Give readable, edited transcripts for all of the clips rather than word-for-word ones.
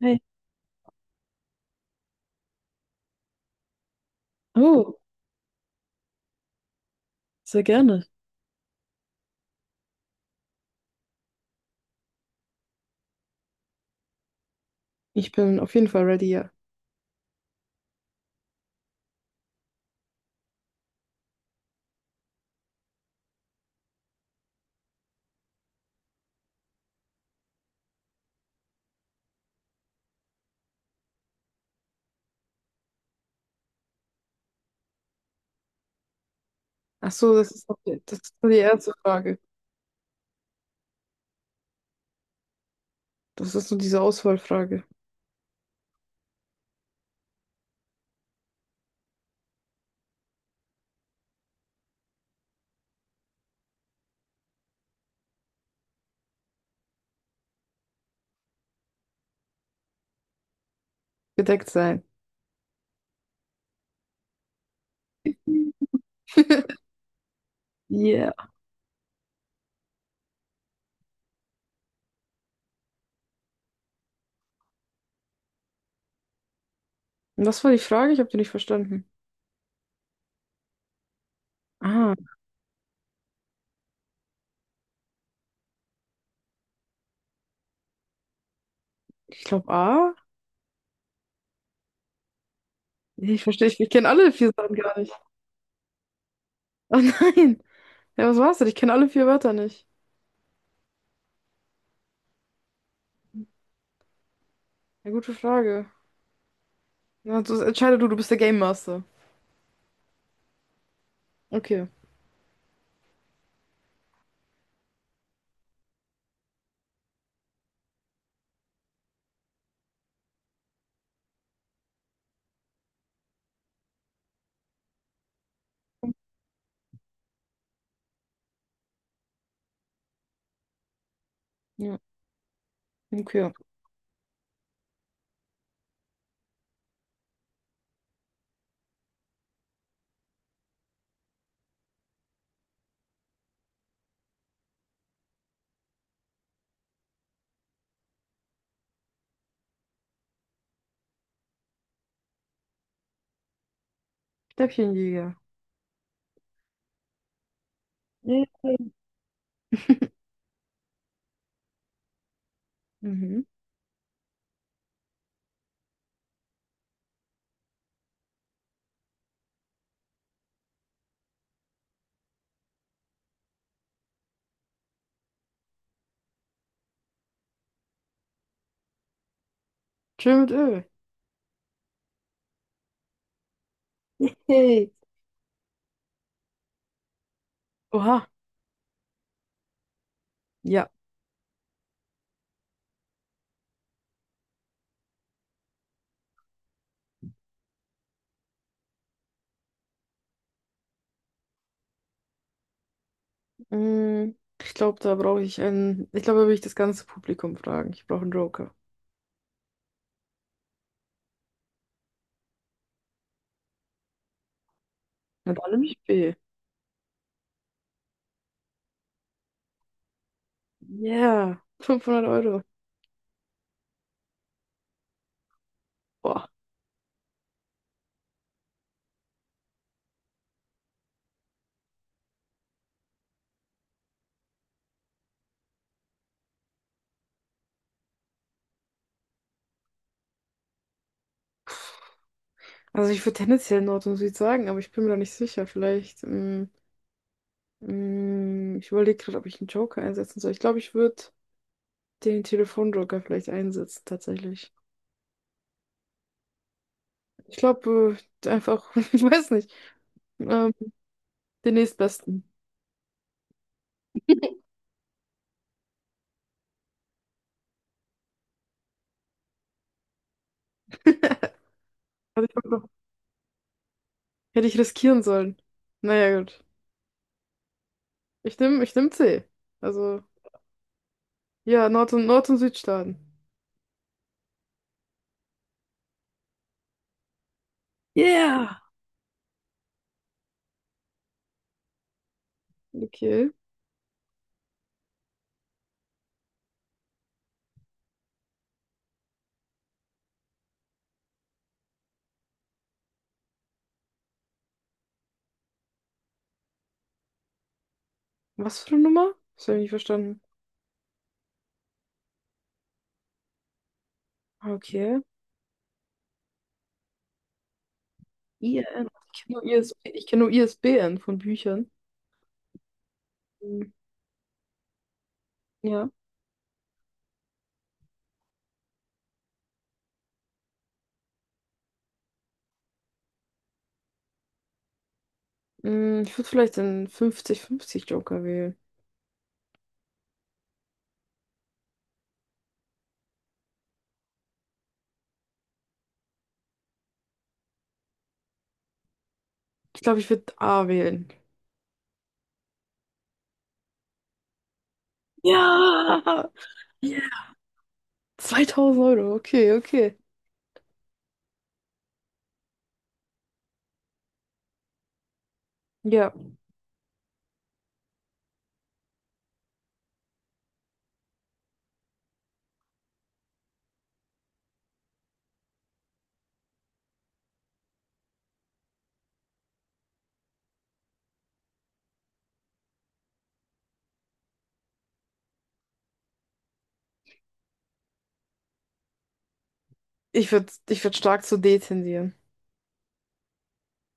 Hey. Oh, sehr gerne. Ich bin auf jeden Fall ready, ja. Ach so, das ist nur die erste Frage. Das ist nur diese Auswahlfrage. Gedeckt sein. Yeah. Und was war die Frage? Ich habe die nicht verstanden. Ah, ich glaube A. Nee, ich verstehe, ich kenne alle vier Sachen gar nicht. Oh nein. Ja, was war's denn? Ich kenne alle vier Wörter nicht. Ja, gute Frage. Na, du, entscheide du, du bist der Game Master. Okay. Ja. Okay. Stäbchenjäger. Yeah. Mhm. Chill mit Öl. Hey. Oha. Ja. Mm, Ich glaube, da brauche ich einen. Ich glaube, da will ich das ganze Publikum fragen. Ich brauche einen Joker. Mit allem ich B. Yeah, 500 Euro. Boah. Also ich würde tendenziell Nord und Süd sagen, aber ich bin mir da nicht sicher. Vielleicht, ich überlege gerade, ob ich einen Joker einsetzen soll. Ich glaube, ich würde den Telefonjoker vielleicht einsetzen, tatsächlich. Ich glaube, einfach, ich weiß nicht, ähm, den nächstbesten. Hätte ich hätte ich riskieren sollen. Naja, gut. Ich nehm C. Also. Ja, Nord- und Südstaaten. Yeah. Okay. Was für eine Nummer? Das habe ich nicht verstanden. Ah, okay. IRN. Ich kenne nur ISB, ich kenn nur ISBN von Büchern. Hm. Ja. Ich würde vielleicht den 50:50 Joker wählen. Ich glaube, ich würde A wählen. Ja. Yeah. 2000 Euro. Okay, okay. Ja. Ich würd stark zu D tendieren.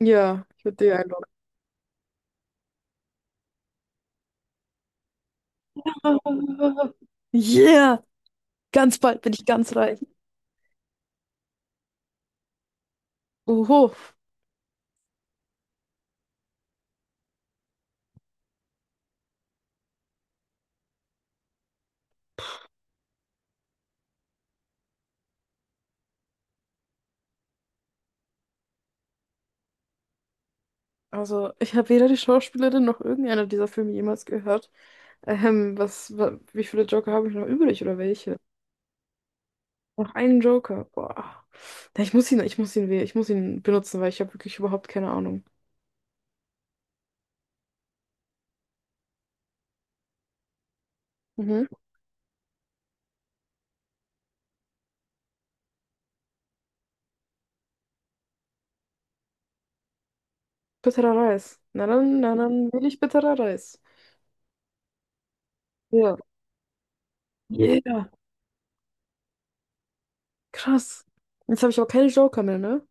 Ja, ich würde D einloggen. Ah. Yeah. Ganz bald bin ich ganz reich. Oho. Also, ich habe weder die Schauspielerin noch irgendeiner dieser Filme jemals gehört. Wie viele Joker habe ich noch übrig oder welche? Noch einen Joker. Boah. Ja, ich muss ihn benutzen, weil ich habe wirklich überhaupt keine Ahnung. Mhm. Bitterer Reis. Na dann will ich bitterer Reis. Ja. Yeah. Krass. Jetzt habe ich aber keine Joker mehr, ne?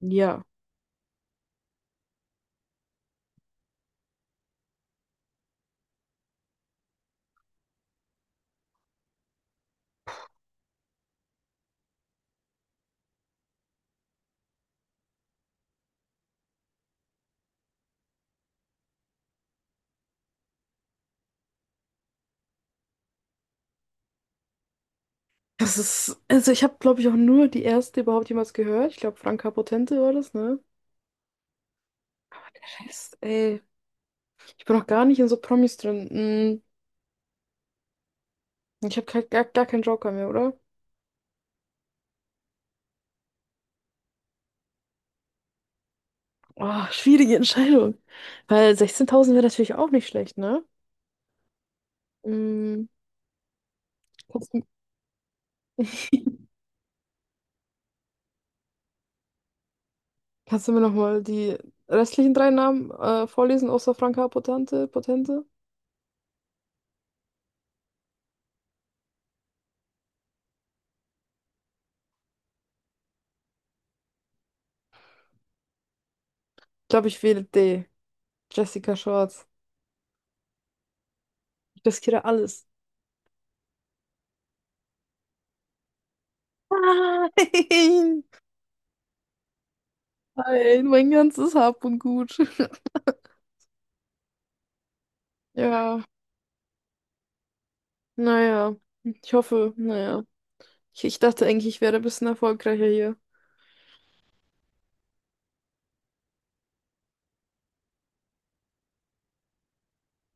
Ja. Das ist, also ich habe, glaube ich, auch nur die erste überhaupt jemals gehört. Ich glaube, Franka Potente war das, ne? Rest, ey. Ich bin noch gar nicht in so Promis drin. Hm. Ich habe gar, gar, gar keinen Joker mehr, oder? Oh, schwierige Entscheidung. Weil 16.000 wäre natürlich auch nicht schlecht, ne? Mm, kannst, du- Kannst du mir nochmal die restlichen drei Namen vorlesen, außer Franka Potente? Ich glaube, ich wähle D. Jessica Schwarz. Ich riskiere alles. Nein! Nein, mein ganzes Hab und Gut. Ja, naja. Ich hoffe, naja. Ich dachte eigentlich, ich wäre ein bisschen erfolgreicher hier.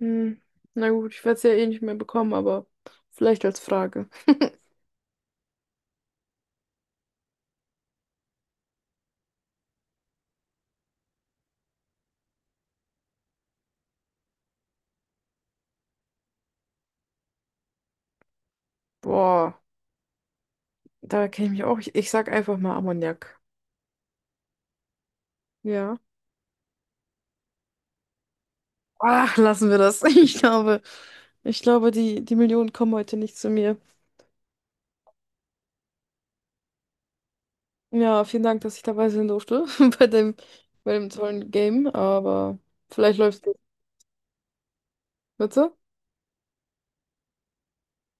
Hm. Na gut, ich werde es ja eh nicht mehr bekommen, aber vielleicht als Frage. Boah, da kenne ich mich auch. Ich sag einfach mal Ammoniak. Ja. Ach, lassen wir das. Ich glaube, die Millionen kommen heute nicht zu mir. Ja, vielen Dank, dass ich dabei sein durfte bei dem, bei dem tollen Game. Aber vielleicht läuft's. Es. Bitte?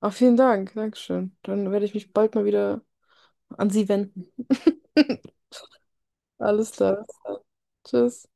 Ach, vielen Dank. Dankeschön. Dann werde ich mich bald mal wieder an Sie wenden. Alles klar. Tschüss.